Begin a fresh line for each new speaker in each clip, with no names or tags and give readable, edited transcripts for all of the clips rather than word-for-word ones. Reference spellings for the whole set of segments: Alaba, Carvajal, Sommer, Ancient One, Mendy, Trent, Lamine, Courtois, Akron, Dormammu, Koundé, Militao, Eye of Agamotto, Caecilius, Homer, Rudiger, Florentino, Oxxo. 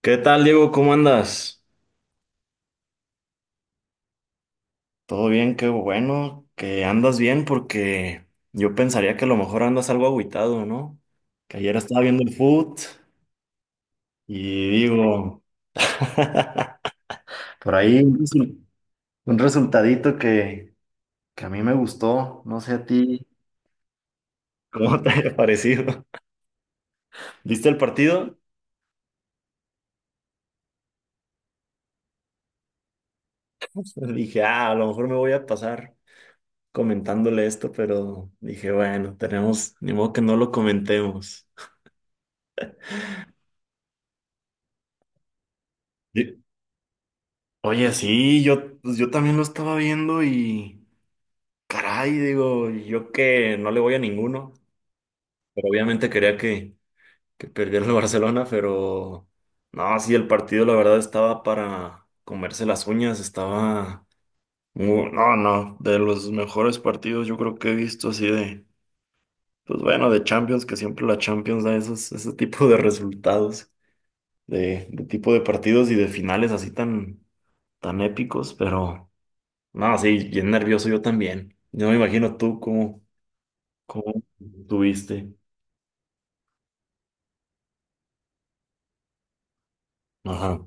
¿Qué tal, Diego? ¿Cómo andas? Todo bien, qué bueno que andas bien porque yo pensaría que a lo mejor andas algo agüitado, ¿no? Que ayer estaba viendo el foot y digo, por ahí un resultadito que a mí me gustó, no sé a ti, ¿cómo te haya parecido? ¿Viste el partido? Dije, ah, a lo mejor me voy a pasar comentándole esto, pero dije, bueno, tenemos, ni modo que no lo comentemos. Oye, sí, yo, pues yo también lo estaba viendo y caray, digo, yo que no le voy a ninguno, pero obviamente quería que, perdiera el Barcelona, pero no, sí, el partido la verdad estaba para comerse las uñas, estaba, no, no, de los mejores partidos yo creo que he visto así de, pues bueno, de Champions, que siempre la Champions da esos, ese tipo de resultados, de tipo de partidos y de finales así tan, tan épicos, pero... No, sí, bien nervioso yo también. Yo me imagino tú cómo, cómo tuviste. Ajá,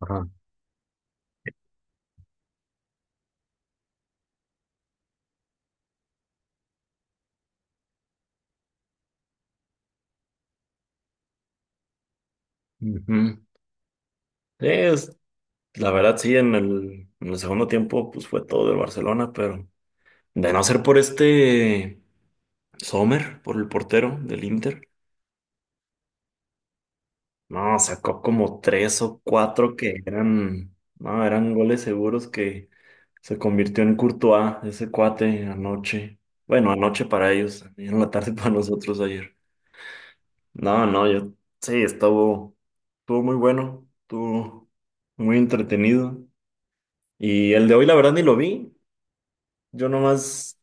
ajá. Ujú. Sí, la verdad sí, en el, segundo tiempo pues fue todo del Barcelona, pero de no ser por este Sommer, por el portero del Inter, no, sacó como tres o cuatro que eran, no, eran goles seguros que se convirtió en Courtois, ese cuate anoche. Bueno, anoche para ellos, en la tarde para nosotros ayer. No, no, yo sí, estuvo muy bueno, estuvo muy entretenido. Y el de hoy, la verdad, ni lo vi. Yo nomás,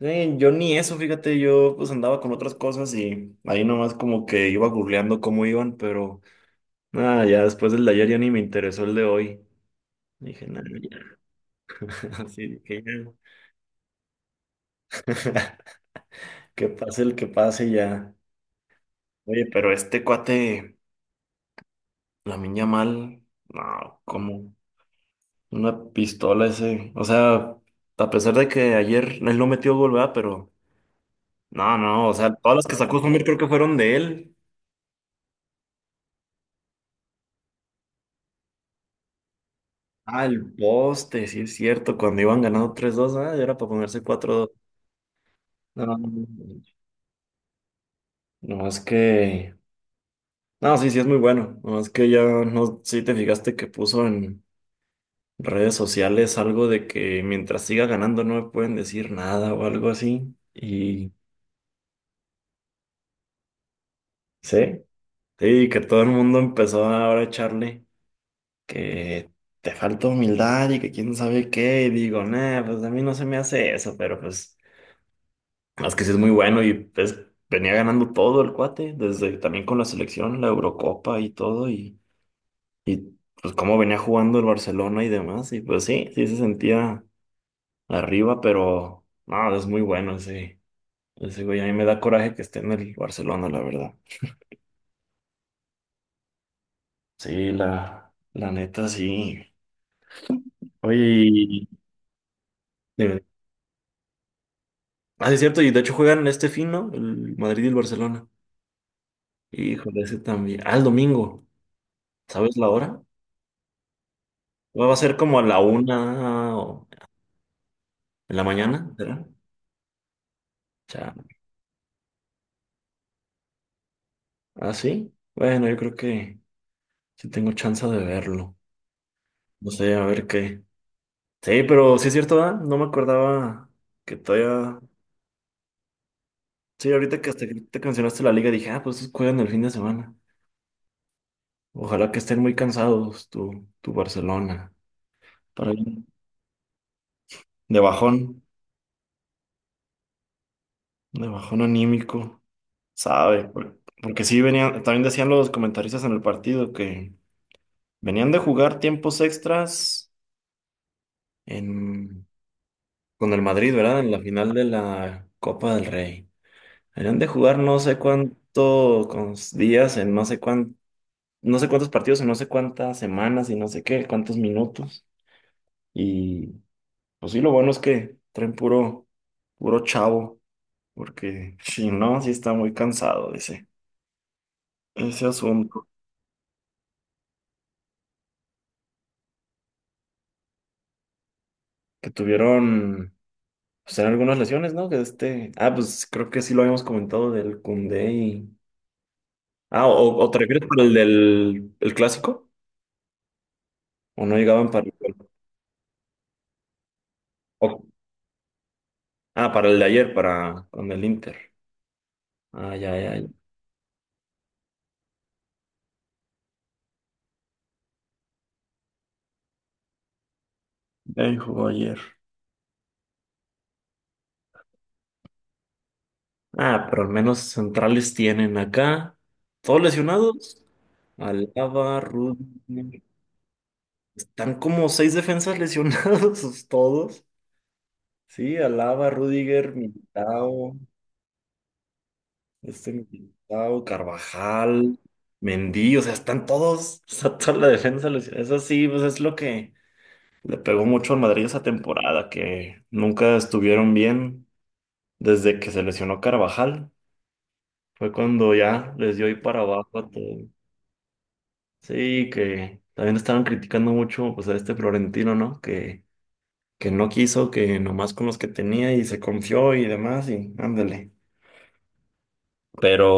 yo ni eso, fíjate, yo pues andaba con otras cosas y ahí nomás como que iba googleando cómo iban, pero nada, ya después del de ayer ya ni me interesó el de hoy. Dije, nada, ya, así dije, ya. Que pase el que pase ya. Oye, pero este cuate, la Lamine mal, no, ¿cómo? Una pistola ese. O sea, a pesar de que ayer él no metió gol, ¿verdad? Pero no, no, o sea, todas las que sacó Homer creo que fueron de él. Ah, el poste, sí es cierto, cuando iban ganando 3-2, ah, era para ponerse cuatro 2. No, no, no, no, es que... No, sí, sí es muy bueno. No, es que ya no, sí te fijaste que puso en redes sociales algo de que mientras siga ganando no me pueden decir nada o algo así. Y sí, sí, que todo el mundo empezó ahora a echarle. Que te falta humildad y que quién sabe qué, y digo, nah, pues a mí no se me hace eso, pero pues más que sí es muy bueno y pues venía ganando todo el cuate, desde también con la selección, la Eurocopa y todo, y, pues cómo venía jugando el Barcelona y demás, y pues sí, sí se sentía arriba, pero no, es muy bueno ese güey, a mí me da coraje que esté en el Barcelona, la verdad. Sí, la neta, sí. Oye, ah, sí, es cierto, y de hecho juegan este fin, ¿no? El Madrid y el Barcelona. Híjole, ese también. Ah, el domingo. ¿Sabes la hora? ¿Va a ser como a la una o en la mañana, verdad? Ya. ¿Ah, sí? Bueno, yo creo que sí tengo chance de verlo. No sé, a ver qué. Sí, pero sí es cierto, ¿verdad? No me acordaba que todavía. Sí, ahorita que hasta que te mencionaste la liga, dije, ah, pues estos juegan el fin de semana. Ojalá que estén muy cansados, tu, Barcelona. Para ir de bajón, de bajón anímico. ¿Sabe? Porque sí venían, también decían los comentaristas en el partido que venían de jugar tiempos extras en, con el Madrid, ¿verdad? En la final de la Copa del Rey. Venían de jugar no sé cuántos días, en no sé cuán, no sé cuántos partidos, en no sé cuántas semanas y no sé qué, cuántos minutos. Y pues sí, lo bueno es que traen puro, chavo, porque si no, sí está muy cansado ese asunto que tuvieron. Pues eran algunas lesiones, ¿no? Que este. Ah, pues creo que sí lo habíamos comentado del Koundé y. Ah, o te refieres para el del el clásico? ¿O no llegaban para el gol? o- Ah, para el de ayer, para con el Inter. Ah, ya, ya, ya. Ya jugó ayer. Ah, pero al menos centrales tienen acá. Todos lesionados. Alaba, Rudiger. Están como seis defensas lesionados todos. Sí, Alaba, Rudiger, Militao. Este Militao, Carvajal, Mendy, o sea, están todos, está toda la defensa. Luis. Eso sí, pues es lo que le pegó mucho al Madrid esa temporada, que nunca estuvieron bien desde que se lesionó Carvajal. Fue cuando ya les dio ahí para abajo a todo. Sí, que también estaban criticando mucho pues a este Florentino, ¿no? Que no quiso, que nomás con los que tenía y se confió y demás, y ándale. Pero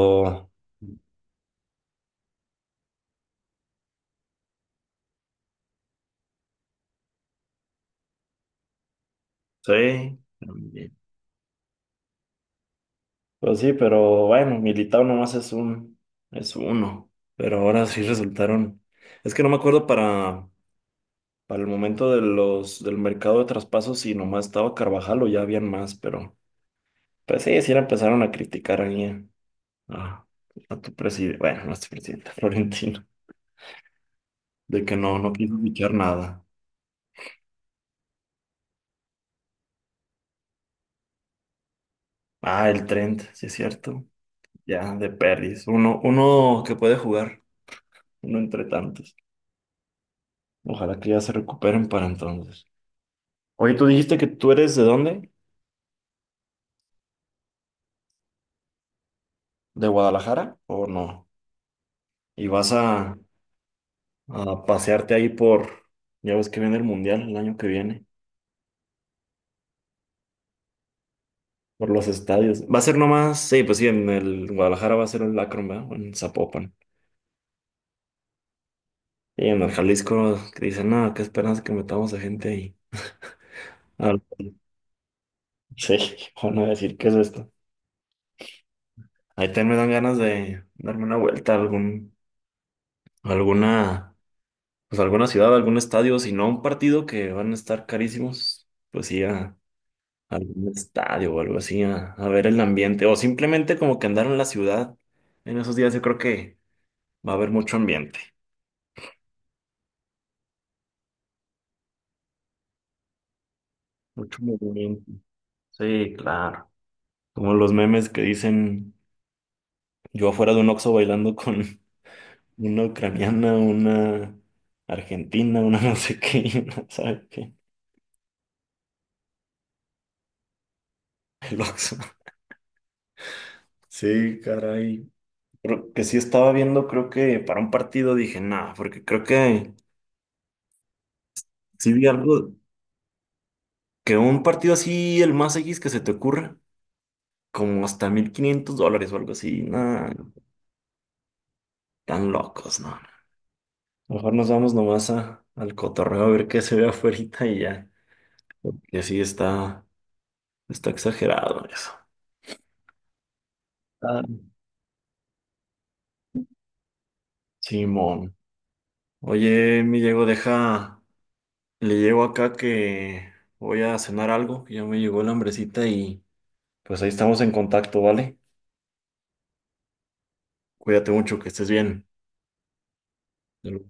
sí, pues sí, pero bueno, Militao nomás es uno. Pero ahora sí resultaron. Es que no me acuerdo para, el momento del mercado de traspasos si nomás estaba Carvajal o ya habían más, pero pues sí, sí le empezaron a criticar ahí a- a tu presidente, bueno, no es tu presidente, Florentino, de que no quiso fichar nada. Ah, el Trent, sí es cierto. Ya, de Peris, Uno que puede jugar, uno entre tantos. Ojalá que ya se recuperen para entonces. Oye, ¿tú dijiste que tú eres de dónde? ¿De Guadalajara o no? Y vas a pasearte ahí por, ya ves que viene el Mundial el año que viene, por los estadios. Va a ser nomás, sí, pues sí, en el Guadalajara va a ser el Akron, ¿verdad? O en Zapopan. Y en el Jalisco que dicen, no, qué esperanza que metamos a gente ahí. Al- sí, van a decir, ¿qué es esto? Ahí también me dan ganas de darme una vuelta a algún, a alguna, pues a alguna ciudad, a algún estadio, si no a un partido que van a estar carísimos, pues sí, a algún estadio o algo así a, ver el ambiente o simplemente como que andar en la ciudad. En esos días yo creo que va a haber mucho ambiente, mucho movimiento. Sí, claro. Como los memes que dicen yo afuera de un Oxxo bailando con una ucraniana, una argentina, una no sé qué, y una, ¿sabe qué? El Oxxo. Sí, caray. Pero que sí estaba viendo, creo que para un partido dije, nada, porque creo que sí vi algo, que un partido así, el más X que se te ocurra, como hasta $1,500 o algo así. Nada, tan locos, no. Mejor nos vamos nomás al cotorreo a ver qué se ve afuera y ya. Porque sí está exagerado eso. Ah. Simón. Oye, mi Diego, deja. Le llego acá que voy a cenar algo. Ya me llegó la hambrecita y pues ahí estamos en contacto, ¿vale? Cuídate mucho, que estés bien. Salud.